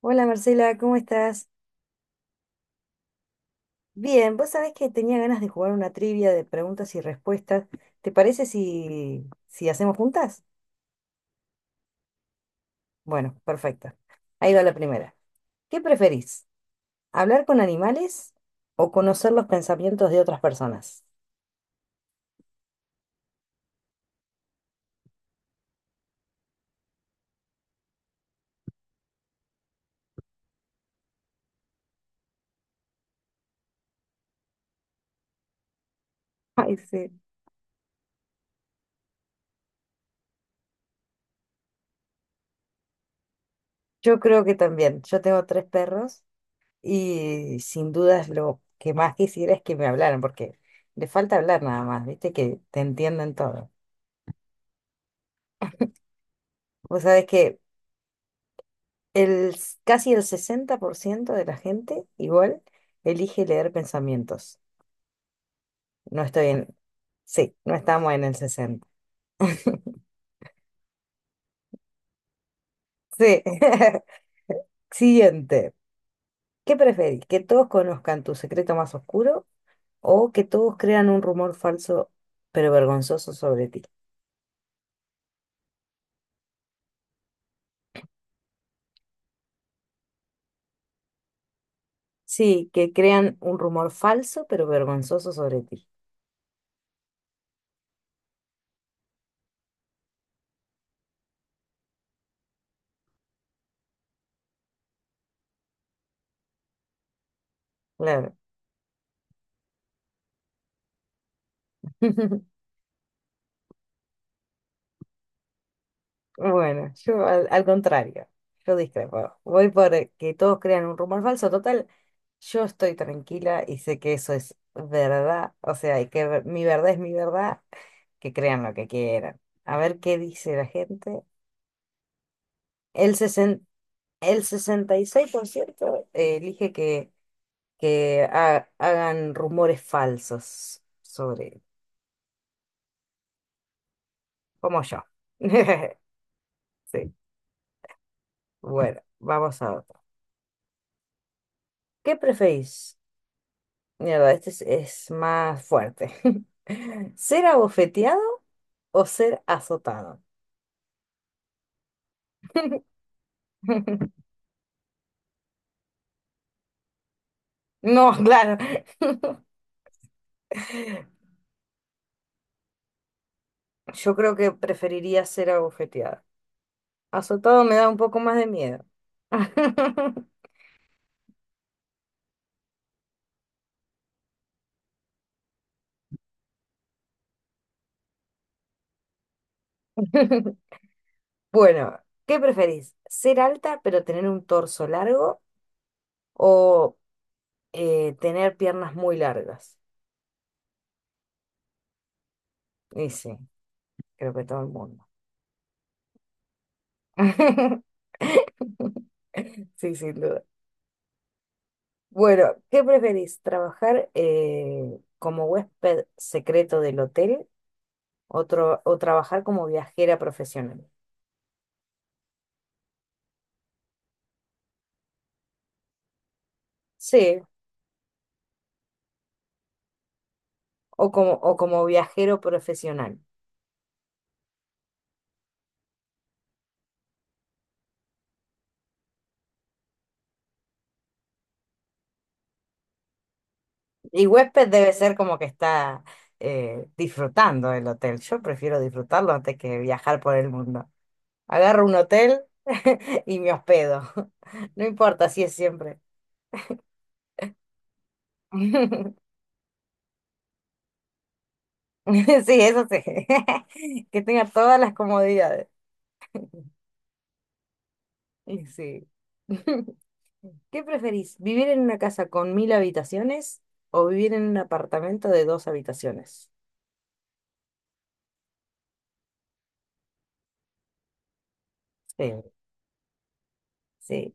Hola Marcela, ¿cómo estás? Bien, vos sabés que tenía ganas de jugar una trivia de preguntas y respuestas. ¿Te parece si hacemos juntas? Bueno, perfecto. Ahí va la primera. ¿Qué preferís? ¿Hablar con animales o conocer los pensamientos de otras personas? Ay, sí. Yo creo que también. Yo tengo tres perros y sin dudas lo que más quisiera es que me hablaran, porque le falta hablar nada más, ¿viste? Que te entiendan todo. Vos sabés que casi el 60% de la gente igual elige leer pensamientos. No estoy en... Sí, no estamos en el 60. Sí. Siguiente. ¿Qué preferís? ¿Que todos conozcan tu secreto más oscuro o que todos crean un rumor falso pero vergonzoso sobre ti? Sí, que crean un rumor falso pero vergonzoso sobre ti. Claro. Bueno, yo al contrario, yo discrepo. Voy por que todos crean un rumor falso. Total, yo estoy tranquila y sé que eso es verdad. O sea, y mi verdad es mi verdad, que crean lo que quieran. A ver qué dice la gente. El, sesen- el 66% elige que hagan rumores falsos sobre, como yo. Sí, bueno, vamos a otro. ¿Qué preferís? Mierda, este es más fuerte. ¿Ser abofeteado o ser azotado? No, claro. Yo creo que preferiría ser abofeteada. Azotado me da un poco más de miedo. Bueno, ¿qué preferís? ¿Ser alta pero tener un torso largo o tener piernas muy largas? Y sí, creo que todo el mundo. Sí, sin duda. Bueno, ¿qué preferís? ¿Trabajar como huésped secreto del hotel o, trabajar como viajera profesional? Sí, o como viajero profesional. Y huésped debe ser como que está disfrutando del hotel. Yo prefiero disfrutarlo antes que viajar por el mundo. Agarro un hotel y me hospedo. No importa si es siempre. Sí, eso sí. Que tenga todas las comodidades. Y sí. ¿Qué preferís? ¿Vivir en una casa con 1000 habitaciones o vivir en un apartamento de dos habitaciones? Sí, sí,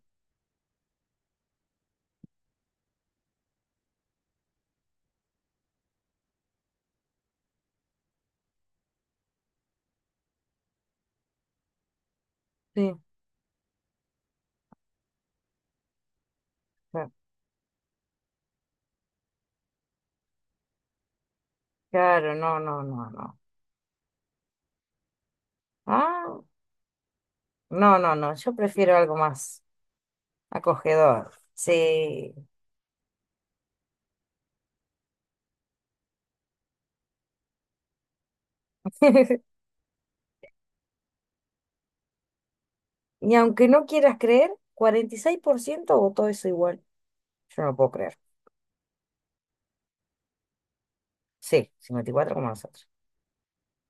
sí. No, Claro, no, no, no, no. Ah, no, no, no. Yo prefiero algo más acogedor. Sí. Y aunque no quieras creer, 46% votó eso igual. Yo no puedo creer. Sí, 54 como nosotros.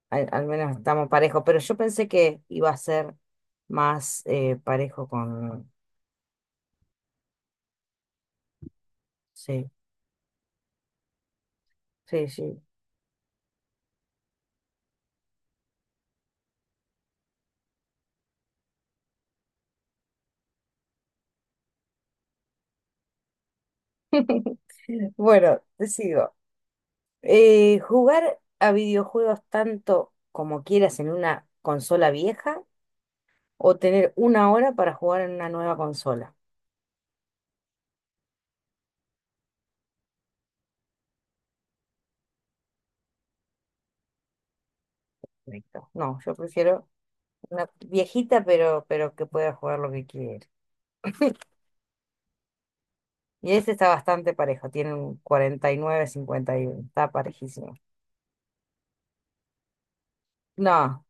Al menos estamos parejos, pero yo pensé que iba a ser más parejo con, Sí, sí, sí. Bueno, te sigo. ¿Jugar a videojuegos tanto como quieras en una consola vieja o tener una hora para jugar en una nueva consola? Perfecto. No, yo prefiero una viejita, pero que pueda jugar lo que quiera. Y este está bastante parejo, tiene un cuarenta y nueve cincuenta y uno. Está parejísimo. No,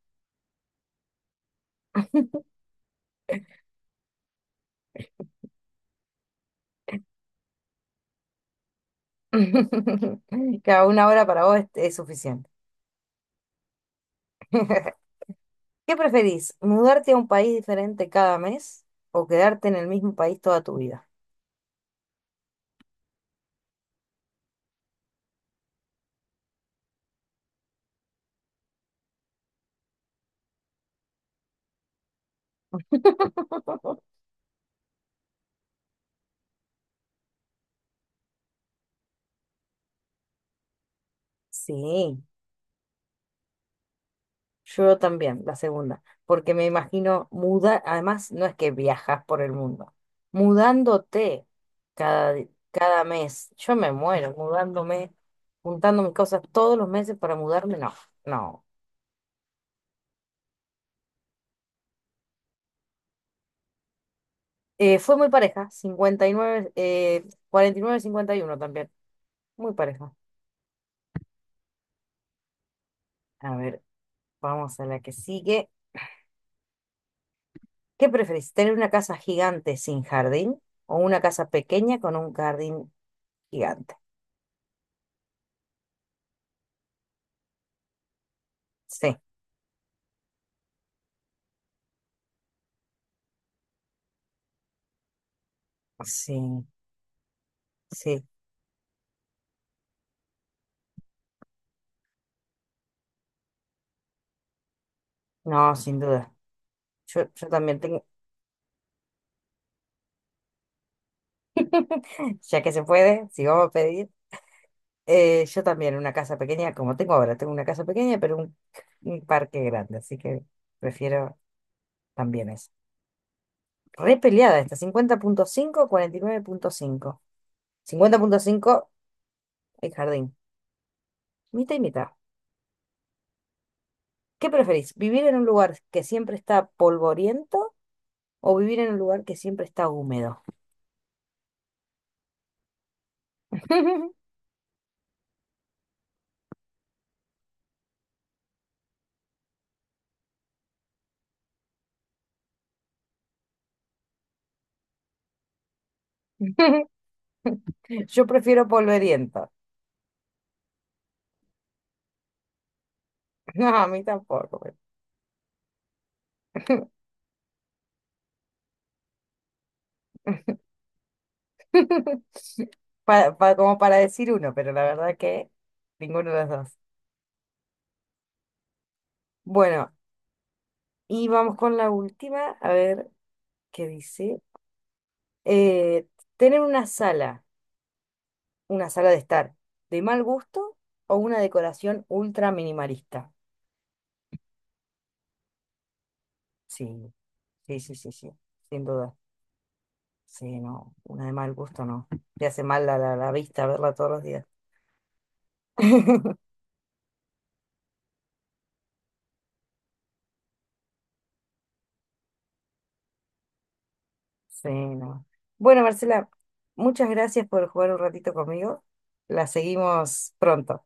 cada una hora para vos es suficiente. ¿Qué preferís? ¿Mudarte a un país diferente cada mes o quedarte en el mismo país toda tu vida? Sí, yo también, la segunda, porque me imagino muda, además no es que viajas por el mundo, mudándote cada mes. Yo me muero mudándome, juntando mis cosas todos los meses para mudarme, no, no. Fue muy pareja, 59 49-51 también, muy pareja. A ver, vamos a la que sigue. ¿Qué preferís? ¿Tener una casa gigante sin jardín o una casa pequeña con un jardín gigante? Sí, sí, sí. No, sin duda. Yo también tengo, ya que se puede, si vamos a pedir, yo también una casa pequeña, como tengo ahora, tengo una casa pequeña, pero un parque grande, así que prefiero también eso. Re peleada esta. Cincuenta punto cinco 49,5. 50,5 el jardín, mitad y mitad. ¿Qué preferís? ¿Vivir en un lugar que siempre está polvoriento o vivir en un lugar que siempre está húmedo? Yo prefiero polvoriento. No, a mí tampoco, Como para decir uno, pero la verdad que ninguno de los dos. Bueno, y vamos con la última, a ver qué dice. Eh, tener una sala de estar de mal gusto o una decoración ultra minimalista. Sí, sí, sí, sí, sí, sin duda. Sí, no, una de mal gusto no. Te hace mal la vista verla todos los días. Sí, no. Bueno, Marcela, muchas gracias por jugar un ratito conmigo. La seguimos pronto.